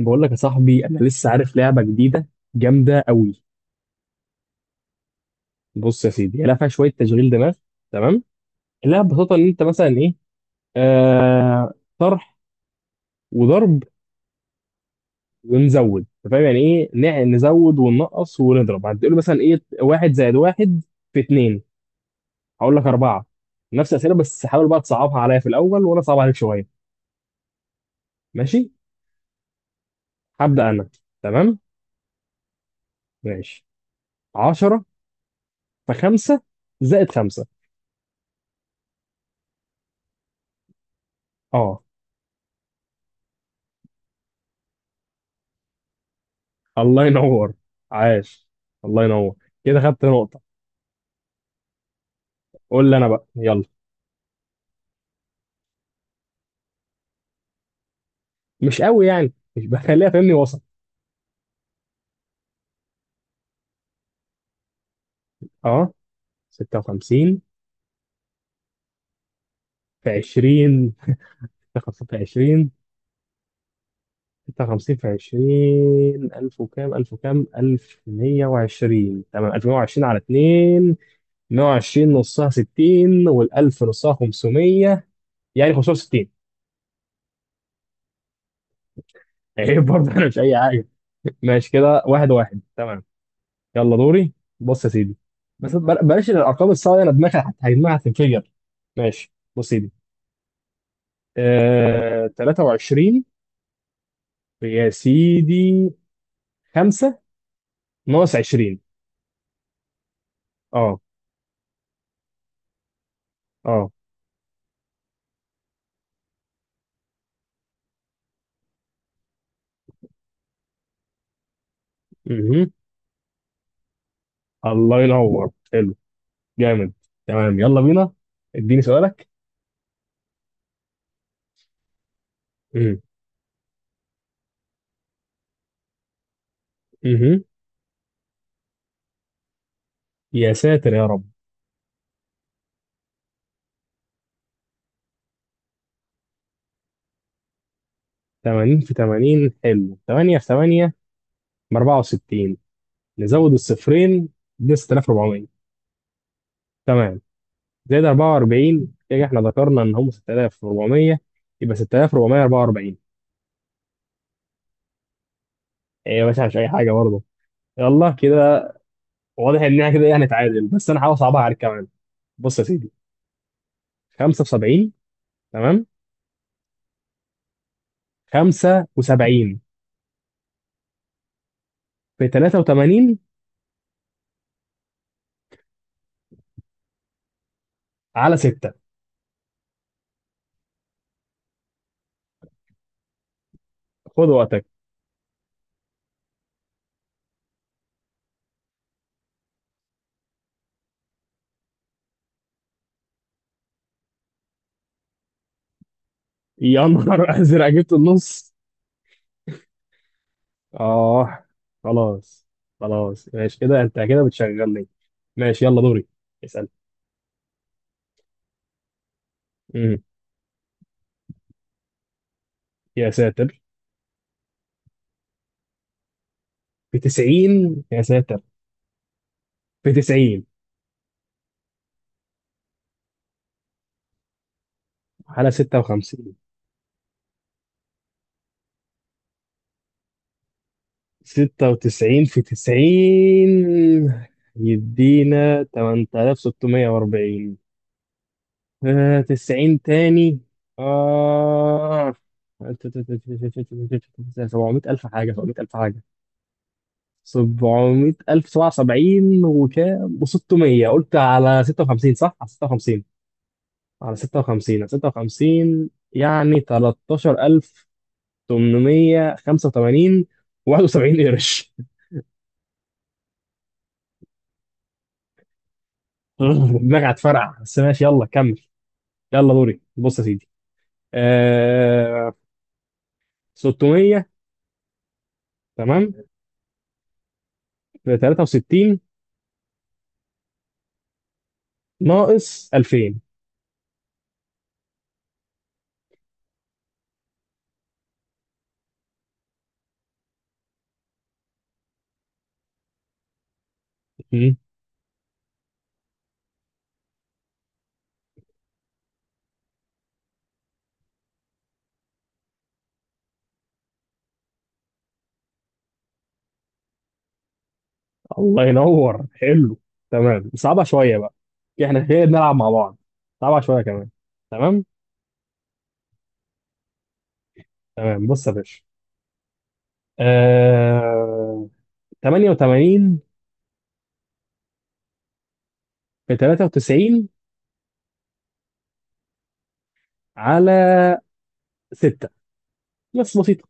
بقول لك يا صاحبي انا لسه عارف لعبه جديده جامده قوي. بص يا سيدي هي لعبه فيها شويه تشغيل دماغ، تمام. اللعبه ببساطه ان انت مثلا ايه، آه طرح وضرب ونزود. أنت فاهم يعني ايه، نزود وننقص ونضرب. هتقول مثلا ايه، واحد زائد واحد في اتنين، هقول لك اربعه. نفس الاسئله، بس حاول بقى تصعبها عليا في الاول وانا اصعب عليك شويه. ماشي، هبدا انا. تمام، ماشي. 10 في 5 زائد 5. الله ينور، عاش، الله ينور. كده خدت نقطة. قول لي أنا بقى، يلا. مش قوي يعني، مش بخليها فاهمني، وسط. أه 56 في 20، 56 في 20، 56 في 20، 1000 وكام، 1000 وكام، 1120. تمام، 1120 على 2. 120 نصها 60، وال1000 نصها 500، يعني 560. عيب برضه، أنا مش أي حاجة. ماشي كده، واحد واحد تمام. يلا دوري. بص يا سيدي، بس بلاش الارقام الصعبه دي، انا دماغي هيجمعها هتنفجر. ماشي، بص يا سيدي. 23 يا سيدي، 5 ناقص 20. اه، اه. مهم. الله ينور، حلو، جامد. تمام، يلا بينا، اديني سؤالك. مهم. مهم. يا ساتر يا رب. 80 في 80، حلو. 8 في 8 ب 64، نزود الصفرين ب 6400، تمام. زائد 44، كده احنا ذكرنا ان هم 6400، يبقى 6444. ايه بس مش اي حاجه برضه. يلا كده. واضح ان احنا كده يعني تعادل، بس انا هحاول اصعبها عليك كمان. بص يا سيدي، 75. تمام، 75 في 83 على 6. خد وقتك. يا نهار ازرق، جبت النص. اه. خلاص، خلاص. ماشي كده، انت كده بتشغلني. ماشي، يلا دوري اسال. امم يا ساتر. في 90، يا ساتر، في 90. حالة 56. 96 في 90 يدينا 8640. 90 تاني. آه 700 ألف حاجة، 700 ألف حاجة، 700 ألف 77 وكام، و600. قلت على 56 صح؟ على 56، على 56، على 56، يعني 13885 و71 قرش. دماغي هتفرقع، بس ماشي، يلا كمل. يلا دوري، بص يا سيدي. آه 600، تمام. في 63 ناقص 2000. مم. الله ينور، حلو. تمام، صعبة شوية بقى. احنا كده بنلعب مع بعض. صعبة شوية كمان. تمام، تمام. بص يا باشا. آه 88 في 93 على 6، بس بسيطة.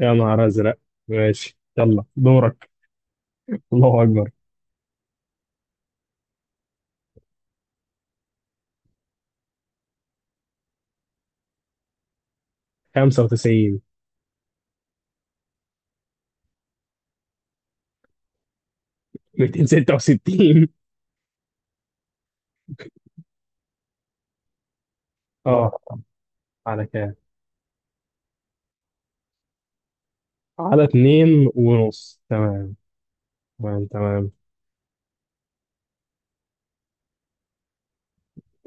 يا نهار أزرق. ماشي، يلا دورك. الله أكبر. 95 266. اه، على كام؟ على اتنين ونص، تمام. تمام، تمام،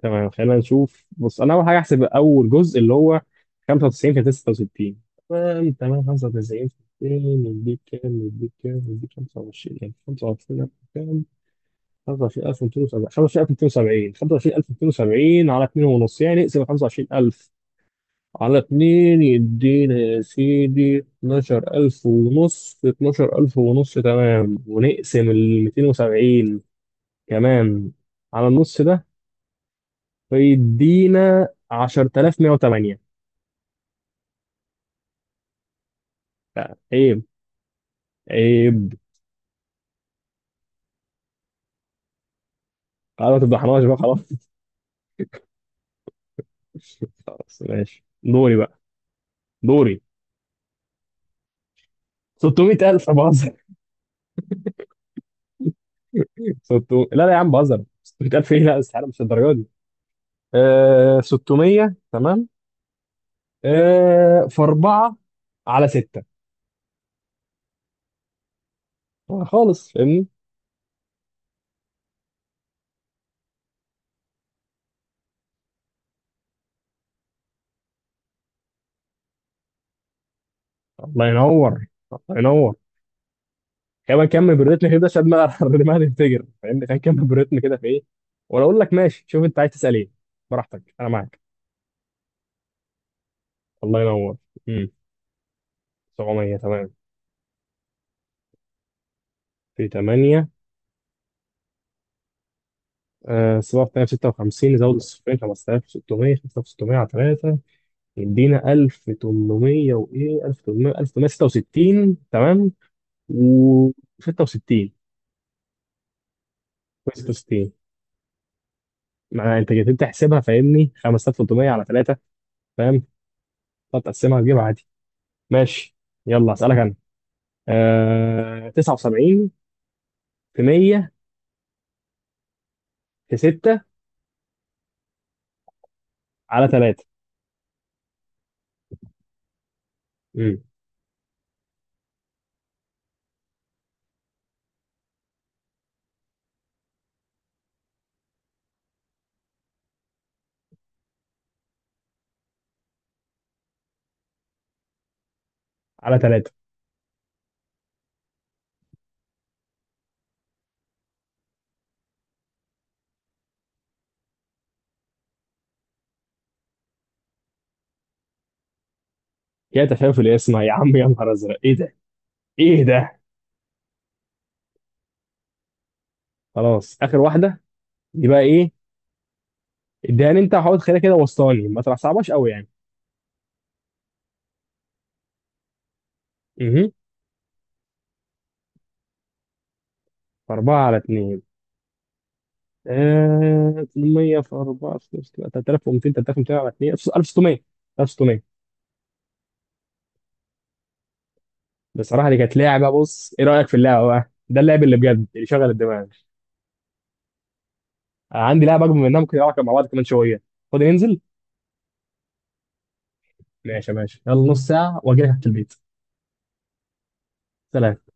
تمام. خلينا نشوف. بص، انا اول حاجه احسب اول جزء، اللي هو 95 في 66. تمام، تمام. 95 في 200 يديك كام، يديك كام، يديك 25000، 25000. كام؟ 25270، 25270. 25270 على 2 ونص، يعني اقسم 25000 على اتنين يدينا يا سيدي اتناشر ألف ونص، اتناشر ألف ونص، تمام. ونقسم الميتين وسبعين كمان على النص ده، فيدينا عشرة آلاف مية وتمانية. لا، عيب، عيب. خلاص ما تفضحناش بقى، خلاص. خلاص، ماشي، دوري بقى، دوري. 600000، بهزر. 600، لا لا يا عم بهزر، 600000 ايه، لا استحاله مش الدرجه دي. 600، تمام. في 4 على 6. خالص، فاهمني. الله ينور، الله ينور. كمان كمل بالريتم كده، ساب ما الرماية تنفجر، فاهمني، كان كمل بالريتم كده. في ايه، ولا اقول لك؟ ماشي، شوف انت عايز تسال ايه، براحتك، انا معاك. الله ينور. امم 700، تمام. في 8. صفر تاني، 56، زود الصفرين 5600. 5600 على 3 يدينا 1800 وايه، 1800، 1866. تمام. و66، 66. ما انت جيت انت تحسبها، فاهمني، 5300 على 3. فاهم، هتقسمها تجيبها. ماشي، يلا اسالك انا. 79 في 100 في 6 على 3. امم على 3. يا تفاؤل، يا اسمع يا عم، يا نهار ازرق، ايه ده؟ ايه ده؟ خلاص، اخر واحده. دي بقى ايه؟ اديها لي انت، وحاول تخليها كده وسطاني، ما تصعبهاش قوي يعني. امم 4 على 2. 800 في 4 في 3200. 3200 على 2، 1600. 1600. بصراحه دي كانت لعبه. بص، ايه رايك في اللعبه بقى؟ ده اللعب اللي بجد، اللي شغل الدماغ. عندي لعبه اكبر منها، ممكن نلعبها مع بعض كمان شويه. فاضي ننزل؟ ماشي، ماشي. يلا، نص ساعه واجي لك تحت البيت. سلام.